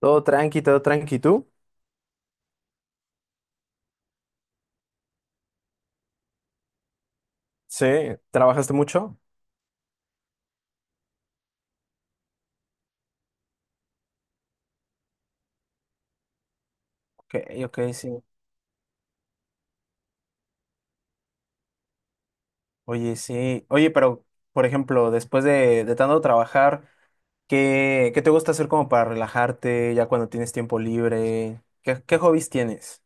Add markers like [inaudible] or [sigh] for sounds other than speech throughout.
Todo tranqui, ¿tú? Sí, ¿trabajaste mucho? Ok, ok, sí. Oye, sí. Oye, pero, por ejemplo, después de tanto trabajar, ¿qué te gusta hacer como para relajarte ya cuando tienes tiempo libre? ¿Qué hobbies tienes?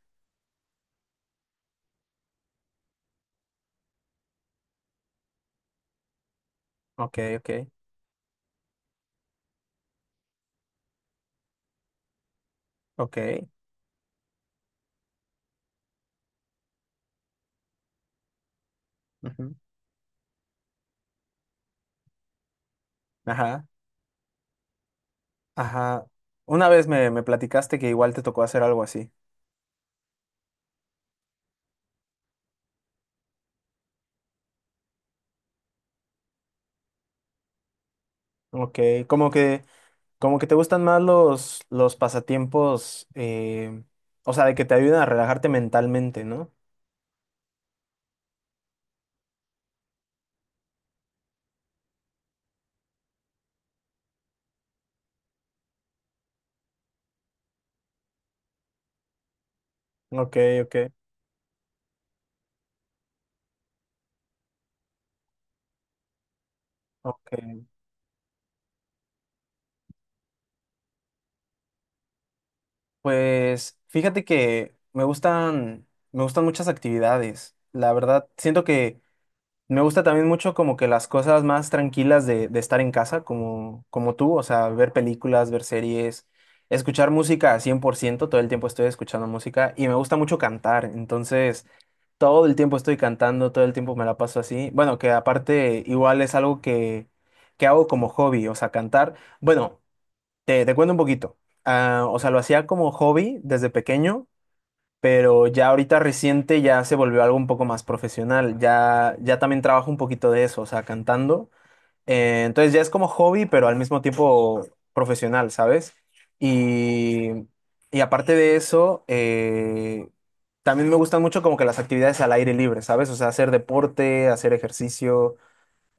Ok, ok, ok. Ujú. Ajá, ajá. Una vez me platicaste que igual te tocó hacer algo así. Ok, como que, como que te gustan más los pasatiempos, o sea, de que te ayudan a relajarte mentalmente, ¿no? Ok, ok, ok. Pues fíjate que me gustan muchas actividades. La verdad, siento que me gusta también mucho como que las cosas más tranquilas de estar en casa, como tú, o sea, ver películas, ver series, escuchar música al 100%, todo el tiempo estoy escuchando música y me gusta mucho cantar, entonces todo el tiempo estoy cantando, todo el tiempo me la paso así. Bueno, que aparte igual es algo que hago como hobby, o sea, cantar. Bueno. Te cuento un poquito. Ah, o sea, lo hacía como hobby desde pequeño, pero ya ahorita reciente ya se volvió algo un poco más profesional. Ya, ya también trabajo un poquito de eso, o sea, cantando. Entonces ya es como hobby, pero al mismo tiempo profesional, ¿sabes? Y, y aparte de eso, también me gustan mucho como que las actividades al aire libre, ¿sabes? O sea, hacer deporte, hacer ejercicio,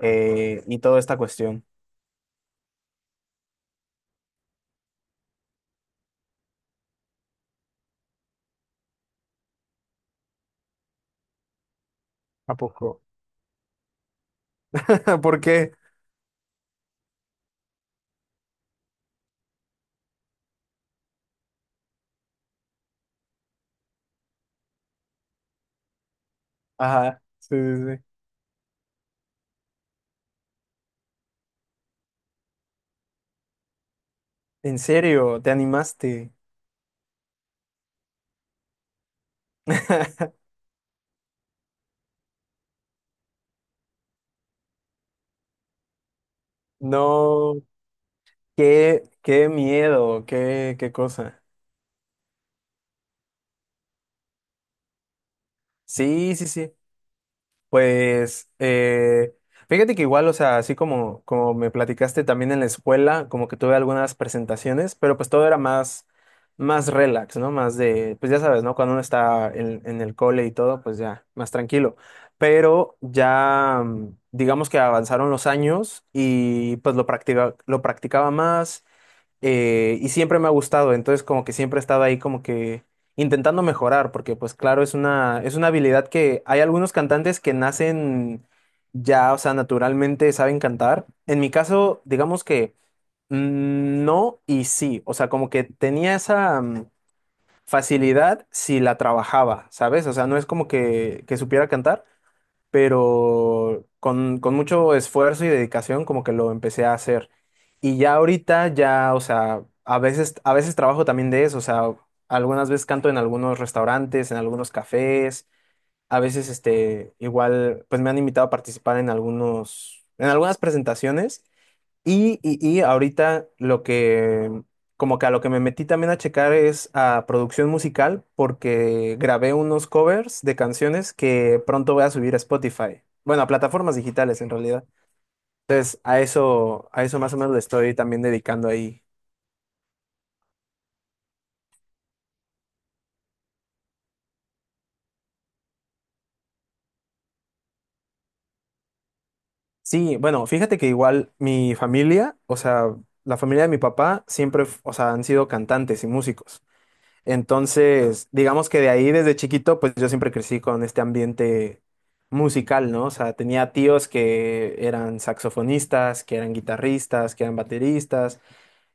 y toda esta cuestión. [laughs] ¿A poco? ¿Por qué? Ajá, sí, sí, sí. En serio, te animaste. [laughs] No, qué miedo, qué cosa. Sí, sí, sí. Pues, fíjate que igual, o sea, así como me platicaste también en la escuela, como que tuve algunas presentaciones, pero pues todo era más relax, ¿no? Más de, pues ya sabes, ¿no? Cuando uno está en el cole y todo, pues ya, más tranquilo. Pero ya, digamos que avanzaron los años y pues lo practicaba más, y siempre me ha gustado, entonces como que siempre he estado ahí como que intentando mejorar, porque pues claro, es una habilidad que hay algunos cantantes que nacen ya, o sea, naturalmente saben cantar. En mi caso, digamos que, no y sí, o sea, como que tenía esa, facilidad si la trabajaba, ¿sabes? O sea, no es como que supiera cantar, pero con mucho esfuerzo y dedicación como que lo empecé a hacer. Y ya ahorita ya, o sea, a veces trabajo también de eso, o sea, algunas veces canto en algunos restaurantes, en algunos cafés, a veces igual, pues me han invitado a participar en en algunas presentaciones y ahorita lo que, como que a lo que me metí también a checar es a producción musical, porque grabé unos covers de canciones que pronto voy a subir a Spotify. Bueno, a plataformas digitales en realidad. Entonces, a eso más o menos le estoy también dedicando ahí. Sí, bueno, fíjate que igual mi familia, o sea, la familia de mi papá siempre, o sea, han sido cantantes y músicos. Entonces, digamos que de ahí desde chiquito, pues yo siempre crecí con este ambiente musical, ¿no? O sea, tenía tíos que eran saxofonistas, que eran guitarristas, que eran bateristas,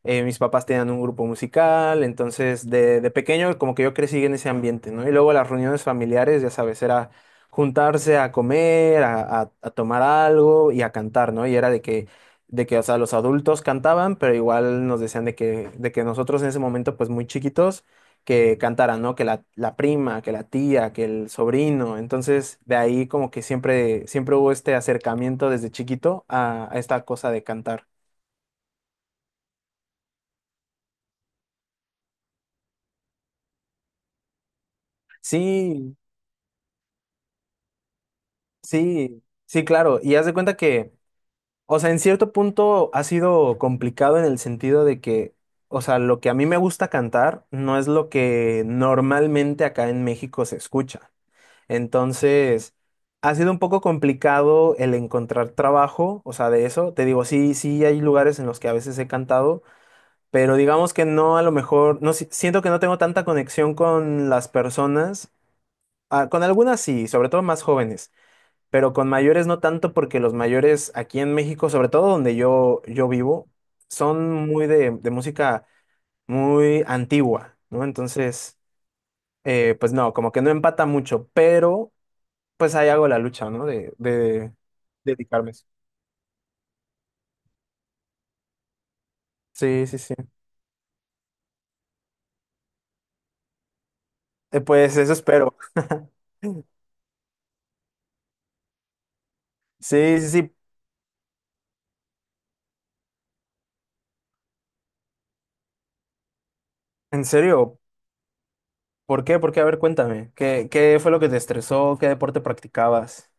mis papás tenían un grupo musical, entonces de pequeño como que yo crecí en ese ambiente, ¿no? Y luego las reuniones familiares, ya sabes, era juntarse a comer, a tomar algo y a cantar, ¿no? Y era de que, o sea, los adultos cantaban, pero igual nos decían de que nosotros en ese momento, pues muy chiquitos, que cantaran, ¿no? Que la prima, que la tía, que el sobrino. Entonces, de ahí como que siempre, siempre hubo este acercamiento desde chiquito a esta cosa de cantar. Sí, sí, sí, claro. Y haz de cuenta que, o sea, en cierto punto ha sido complicado en el sentido de que, o sea, lo que a mí me gusta cantar no es lo que normalmente acá en México se escucha. Entonces, ha sido un poco complicado el encontrar trabajo, o sea, de eso. Te digo, sí, sí hay lugares en los que a veces he cantado, pero digamos que no, a lo mejor, no, siento que no tengo tanta conexión con las personas. Ah, con algunas sí, sobre todo más jóvenes, pero con mayores no tanto porque los mayores aquí en México, sobre todo donde yo vivo, son muy de música muy antigua, ¿no? Entonces, pues no, como que no empata mucho, pero pues ahí hago la lucha, ¿no? De dedicarme a eso. Sí, sí, sí. Pues eso espero. [laughs] Sí, sí, sí. En serio, ¿por qué? ¿Por qué? A ver, cuéntame. ¿Qué fue lo que te estresó? ¿Qué deporte practicabas?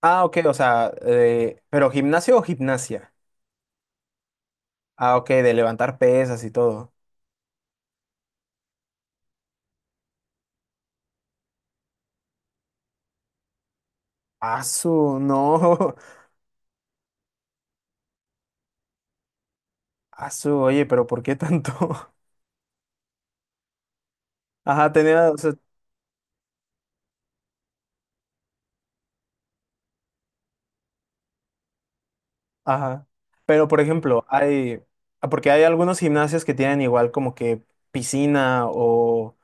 Ah, ok, o sea, pero gimnasio o gimnasia. Ah, ok, de levantar pesas y todo. Asu, no. [laughs] Asu, oye, pero ¿por qué tanto? [laughs] Ajá, tenía, o sea, ajá. Pero, por ejemplo, ah, porque hay algunos gimnasios que tienen igual como que piscina o,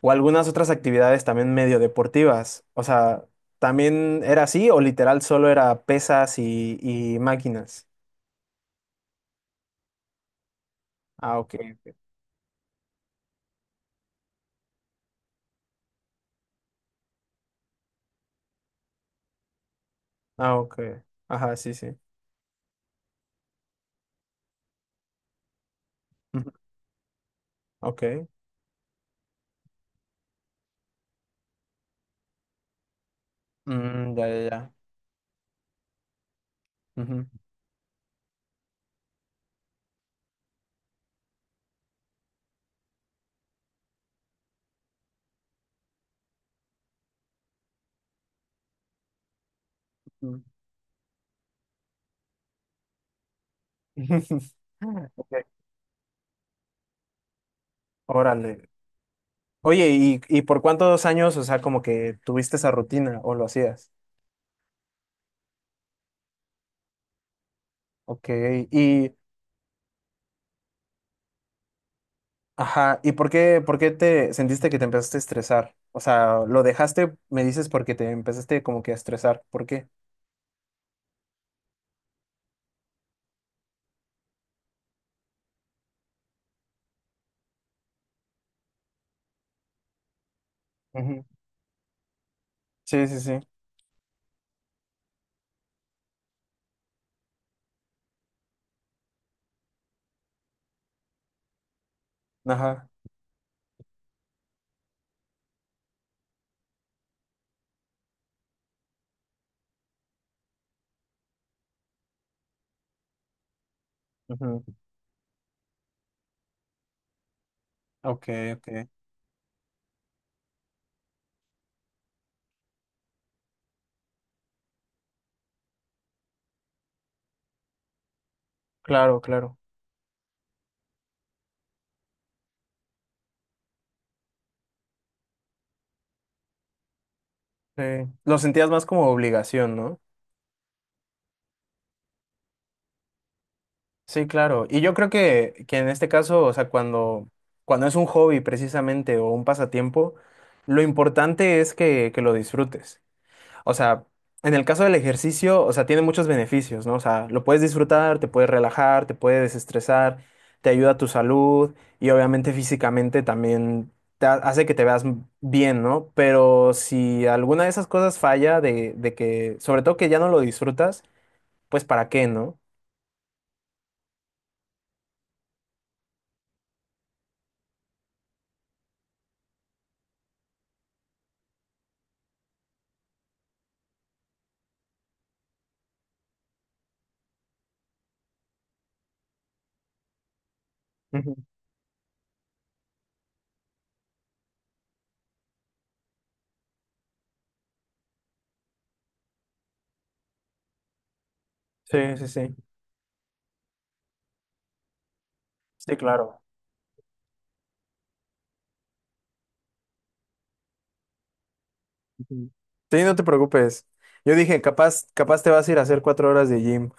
o algunas otras actividades también medio deportivas. O sea, ¿también era así o literal solo era pesas y máquinas? Ah, ok. Ah, ok. Ajá, sí, sí. Ujú, ok. Mm, ya, ya, ya. Ujú. [laughs] Ok, órale. Oye, ¿y por cuántos años, o sea, como que tuviste esa rutina o lo hacías? Ok, y, ajá. ¿Y por qué te sentiste que te empezaste a estresar? O sea, lo dejaste, me dices, porque te empezaste como que a estresar. ¿Por qué? Ujú. Sí, sí, sí. Ajá. Ujú. Ok, ok. Claro, claro. Sí. Lo sentías más como obligación, ¿no? Sí, claro. Y yo creo que en este caso, o sea, cuando es un hobby precisamente o un pasatiempo, lo importante es que lo disfrutes. O sea, en el caso del ejercicio, o sea, tiene muchos beneficios, ¿no? O sea, lo puedes disfrutar, te puedes relajar, te puedes desestresar, te ayuda a tu salud y obviamente físicamente también te hace que te veas bien, ¿no? Pero si alguna de esas cosas falla, de que, sobre todo que ya no lo disfrutas, pues ¿para qué, no? Ujú. Sí, sí, sí. Sí, claro. Ujú. Sí, no te preocupes. Yo dije, capaz te vas a ir a hacer 4 horas de gym.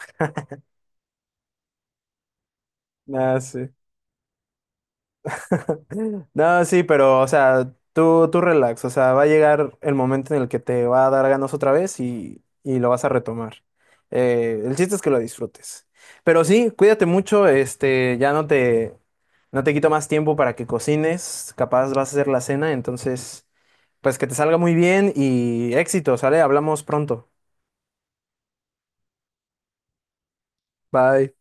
Nah, sí. [laughs] No, sí, pero, o sea, tú relax. O sea, va a llegar el momento en el que te va a dar ganas otra vez y lo vas a retomar. El chiste es que lo disfrutes. Pero sí, cuídate mucho. Ya no te quito más tiempo para que cocines. Capaz vas a hacer la cena. Entonces, pues que te salga muy bien y éxito, ¿sale? Hablamos pronto. Bye.